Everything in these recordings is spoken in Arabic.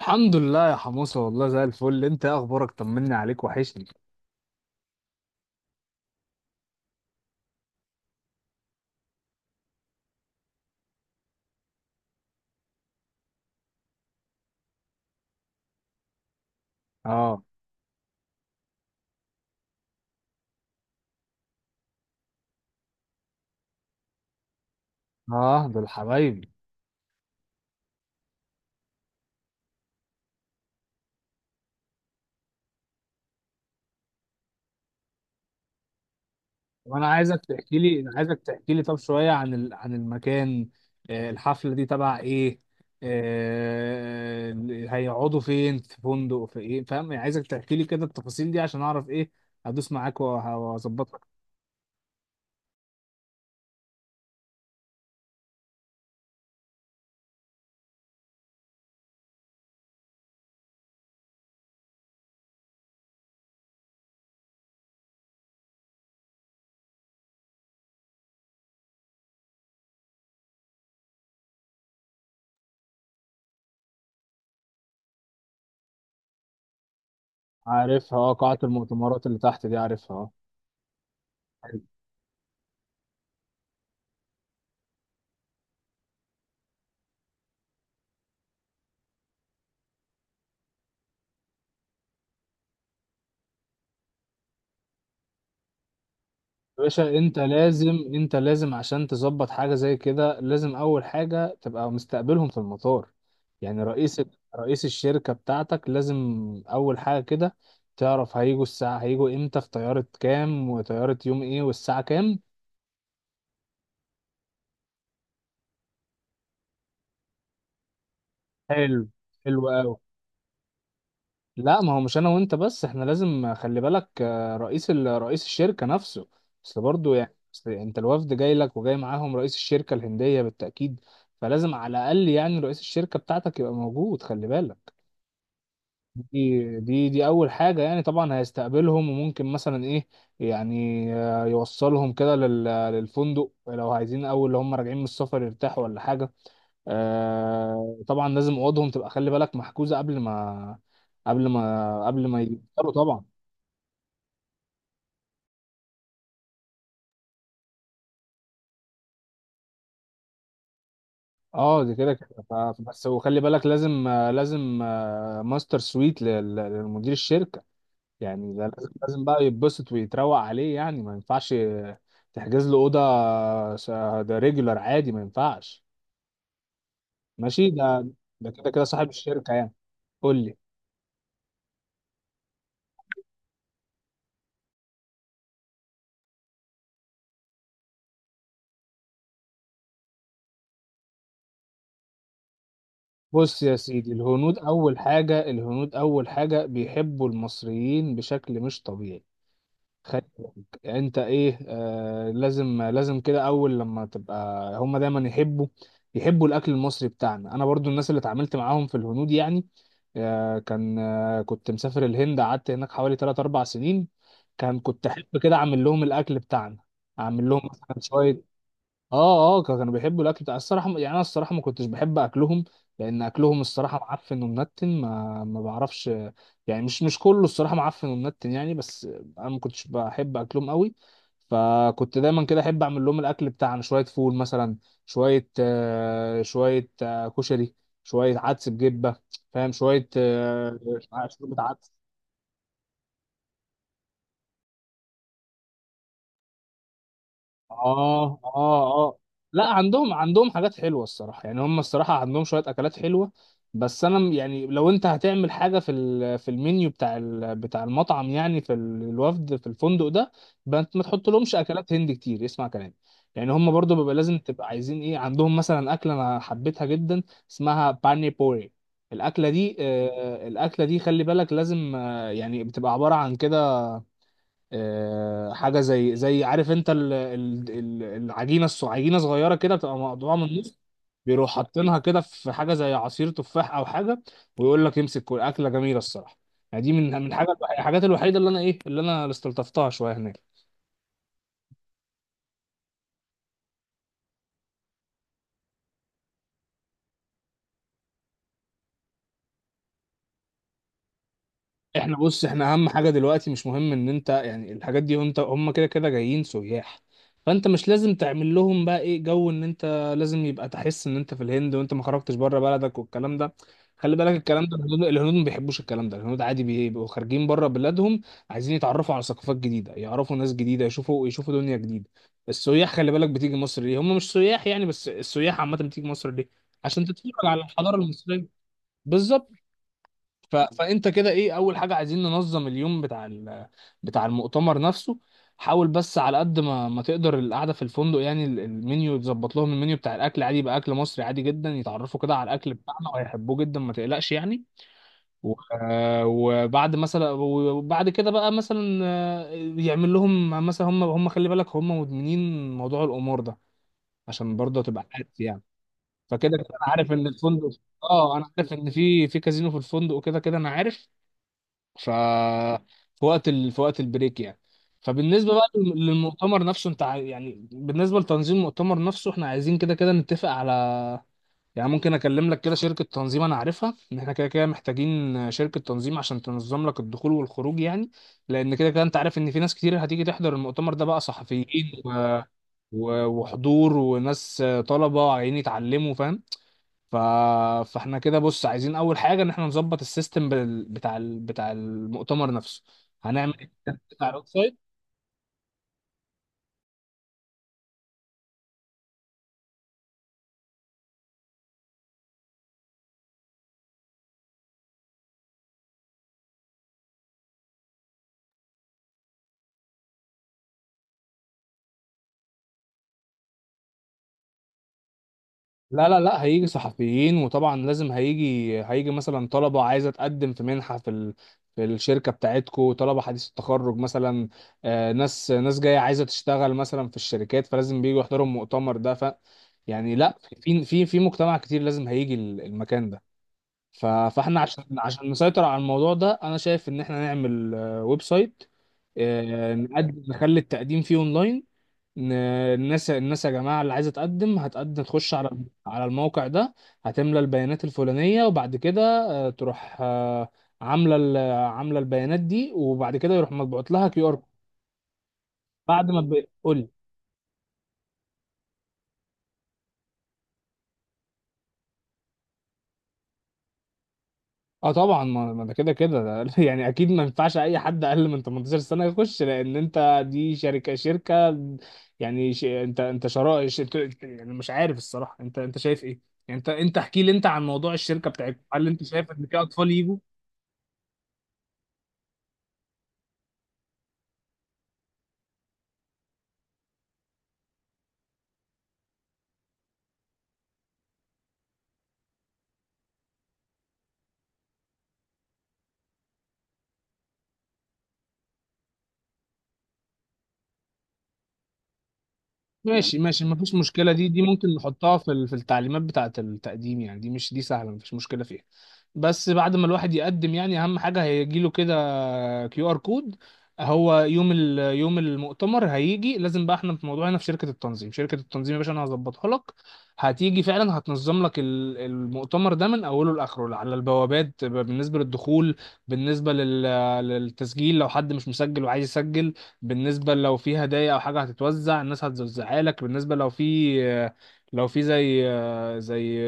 الحمد لله يا حموسة، والله زي الفل. انت ايه اخبارك؟ طمني عليك، وحشني. اه اه، دول حبايبي. وانا عايزك تحكي لي انا عايزك تحكي لي طب شوية عن عن المكان. آه، الحفلة دي تبع ايه؟ آه، هيقعدوا فين؟ في فندق في ايه؟ فاهم يعني، عايزك تحكي لي كده التفاصيل دي عشان اعرف ايه. هدوس معاك وهظبطك. عارفها، اه قاعة المؤتمرات اللي تحت دي عارفها. اه. يا باشا انت لازم، انت لازم عشان تظبط حاجه زي كده لازم اول حاجه تبقى مستقبلهم في المطار، يعني رئيس الشركه بتاعتك لازم، اول حاجه كده تعرف هيجوا الساعه، هيجوا امتى؟ في طياره كام؟ وطياره يوم ايه والساعه كام؟ حلو، حلو قوي. لا ما هو مش انا وانت بس، احنا لازم خلي بالك، رئيس رئيس الشركة نفسه. اصل برضه يعني، أصل انت الوفد جاي لك وجاي معاهم رئيس الشركة الهندية بالتأكيد، فلازم على الاقل يعني رئيس الشركة بتاعتك يبقى موجود، خلي بالك. دي اول حاجة. يعني طبعا هيستقبلهم، وممكن مثلا ايه يعني، يوصلهم كده للفندق لو عايزين، اول لو هم راجعين من السفر يرتاحوا ولا حاجة. آه، طبعا لازم اوضهم تبقى خلي بالك محجوزه قبل ما، قبل ما يفطروا طبعا. اه، دي كده كده بس، وخلي بالك لازم لازم ماستر سويت لمدير الشركه يعني، ده لازم بقى يتبسط ويتروق عليه، يعني ما ينفعش تحجز له اوضه، س- ده ريجولار عادي، ما ينفعش. ماشي ده. ده كده كده صاحب الشركه يعني. قول لي. بص يا سيدي، الهنود أول حاجة، الهنود أول حاجة بيحبوا المصريين بشكل مش طبيعي. خلي بالك أنت، إيه آه، لازم كده، أول لما تبقى، هما دايما يحبوا، يحبوا الأكل المصري بتاعنا. أنا برضو الناس اللي اتعاملت معاهم في الهنود يعني، آه كان آه كنت مسافر الهند، قعدت هناك حوالي 3 4 سنين. كان كنت أحب كده أعمل لهم الأكل بتاعنا، أعمل لهم مثلا شوية. اه، كانوا بيحبوا الاكل بتاع الصراحه يعني. انا الصراحه ما كنتش بحب اكلهم، لان اكلهم الصراحه معفن ومنتن، ما بعرفش يعني، مش كله الصراحه معفن ومنتن يعني، بس انا ما كنتش بحب اكلهم قوي. فكنت دايما كده احب اعمل لهم الاكل بتاعنا، شويه فول مثلا، شويه شويه كشري، شويه عدس بجبه، فاهم، شويه شوربه عدس. اه اه، لا عندهم، عندهم حاجات حلوه الصراحه يعني، هم الصراحه عندهم شويه اكلات حلوه، بس انا يعني لو انت هتعمل حاجه في في المنيو بتاع بتاع المطعم يعني في الوفد في الفندق ده، يبقى انت ما تحط لهمش اكلات هند كتير، اسمع كلامي. يعني هم برضو بيبقى لازم تبقى عايزين ايه، عندهم مثلا اكله انا حبيتها جدا، اسمها باني بوري. الاكله دي الاكله دي خلي بالك لازم يعني بتبقى عباره عن كده، حاجه زي عارف انت، العجينه عجينه صغيره كده، بتبقى مقطوعه من النص، بيروح حاطينها كده في حاجه زي عصير تفاح او حاجه، ويقول لك امسك. كل اكله جميله الصراحه يعني، دي من من حاجه الحاجات الوحيده اللي انا ايه، اللي انا استلطفتها شويه هناك. احنا بص، احنا اهم حاجه دلوقتي مش مهم ان انت يعني الحاجات دي، انت هم كده كده جايين سياح، فانت مش لازم تعمل لهم بقى ايه، جو ان انت لازم يبقى تحس ان انت في الهند وانت ما خرجتش بره بلدك والكلام ده. خلي بالك الكلام ده، الهنود ما بيحبوش الكلام ده، الهنود عادي بيبقوا خارجين بره بلادهم، عايزين يتعرفوا على ثقافات جديده، يعرفوا ناس جديده، يشوفوا دنيا جديده. السياح خلي بالك بتيجي مصر ليه؟ هم مش سياح يعني بس، السياح عامه بتيجي مصر ليه؟ عشان تتفرج على الحضاره المصريه. بالظبط. ف... فانت كده ايه، اول حاجه عايزين ننظم اليوم بتاع المؤتمر نفسه. حاول بس على قد ما ما تقدر القعده في الفندق يعني، المنيو تظبط لهم، المنيو بتاع الاكل عادي يبقى اكل مصري عادي جدا، يتعرفوا كده على الاكل بتاعنا وهيحبوه جدا ما تقلقش يعني. و... آه، وبعد مثلا، وبعد كده بقى مثلا يعمل لهم مثلا، هم خلي بالك هم مدمنين موضوع الامور ده، عشان برضه تبقى عارف يعني. فكده كده انا عارف ان الفندق، اه انا عارف ان في كازينو في الفندق، وكده كده انا عارف، ف في وقت في وقت البريك يعني. فبالنسبه بقى للمؤتمر نفسه، يعني بالنسبه لتنظيم المؤتمر نفسه، احنا عايزين كده كده نتفق على، يعني ممكن اكلم لك كده شركه تنظيم انا عارفها ان احنا كده كده محتاجين شركه تنظيم عشان تنظم لك الدخول والخروج يعني، لان كده كده انت عارف ان في ناس كتير هتيجي تحضر المؤتمر ده بقى، صحفيين وحضور وناس طلبه عايزين يتعلموا، فاهم. ف... فاحنا كده بص عايزين اول حاجه ان احنا نظبط السيستم بتاع المؤتمر نفسه، هنعمل ايه بتاع الويب سايت. لا، هيجي صحفيين وطبعا لازم، هيجي مثلا طلبه عايزه تقدم في منحه في في الشركه بتاعتكو، طلبه حديث التخرج مثلا، ناس، ناس جايه عايزه تشتغل مثلا في الشركات، فلازم بييجوا يحضروا المؤتمر ده. ف يعني لا، في مجتمع كتير لازم هيجي المكان ده. ف- فاحنا عشان نسيطر على الموضوع ده انا شايف ان احنا نعمل ويب سايت، نقدم نخلي التقديم فيه اونلاين. ن- الناس، الناس يا جماعه اللي عايزه تقدم هتقدم تخش على على الموقع ده، هتملى البيانات الفلانيه وبعد كده تروح عامله عامله البيانات دي، وبعد كده يروح مطبوعت لها كيو ار. بعد ما تقول، اه طبعا، ما ما ده كده كده يعني اكيد ما ينفعش اي حد اقل من 18 سنه يخش، لان انت دي شركه، شركه يعني ش... انت انت شرائع ش... انت... انت- يعني مش عارف الصراحه انت انت شايف ايه، يعني انت احكي لي انت عن موضوع الشركه بتاعتكم، هل انت شايف ان في اطفال؟ ماشي، مفيش مشكلة. دي ممكن نحطها في في التعليمات بتاعة التقديم يعني، دي مش دي سهلة مفيش مشكلة فيها. بس بعد ما الواحد يقدم يعني أهم حاجة هيجيله كده كيو آر كود، هو يوم ال يوم المؤتمر هيجي لازم بقى احنا في موضوعنا هنا في شركة التنظيم، شركة التنظيم يا باشا أنا هظبطها لك. هتيجي فعلا هتنظم لك المؤتمر ده من أوله لآخره، على البوابات بالنسبة للدخول، بالنسبة للتسجيل لو حد مش مسجل وعايز يسجل، بالنسبة لو في هدايا أو حاجة هتتوزع الناس هتوزعها لك، بالنسبة لو في، لو في زي زي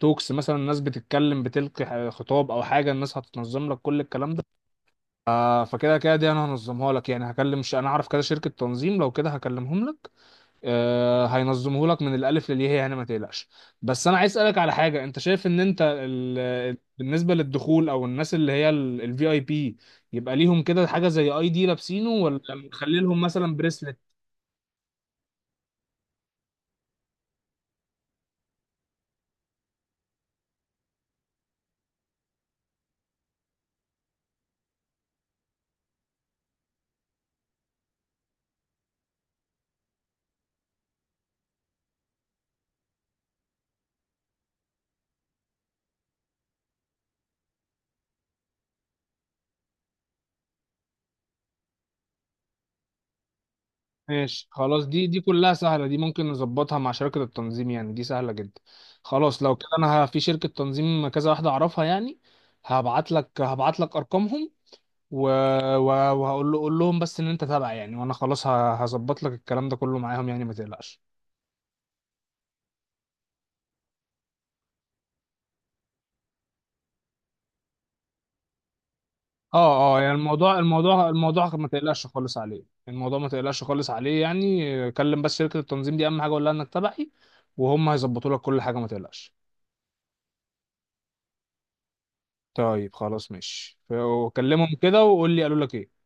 توكس مثلا الناس بتتكلم بتلقي خطاب أو حاجة، الناس هتنظم لك كل الكلام ده. فكده كده دي أنا هنظمها لك يعني، هكلم أنا أعرف كده شركة تنظيم، لو كده هكلمهم لك، هينظمه لك من الالف للياء يعني ما تقلقش. بس انا عايز اسالك على حاجه، انت شايف ان انت بالنسبه للدخول او الناس اللي هي الفي اي بي، يبقى ليهم كده حاجه زي اي دي لابسينه، ولا نخلي لهم مثلا بريسلت؟ ماشي، دي كلها سهله، دي ممكن نظبطها مع شركه التنظيم يعني، دي سهله جدا. خلاص لو كده انا في شركه تنظيم كذا واحده اعرفها يعني، هبعت لك ارقامهم و... و... وهقول له، قول لهم بس ان انت تابع يعني، وانا خلاص هظبط لك الكلام ده كله معاهم يعني ما تقلقش. اه، يعني الموضوع ما تقلقش خالص عليه، الموضوع ما تقلقش خالص عليه، يعني كلم بس شركة التنظيم دي اهم حاجة، قول لها انك تبعي وهم هيظبطوا لك كل حاجة ما تقلقش. طيب خلاص ماشي، وكلمهم كده وقول لي قالوا لك ايه.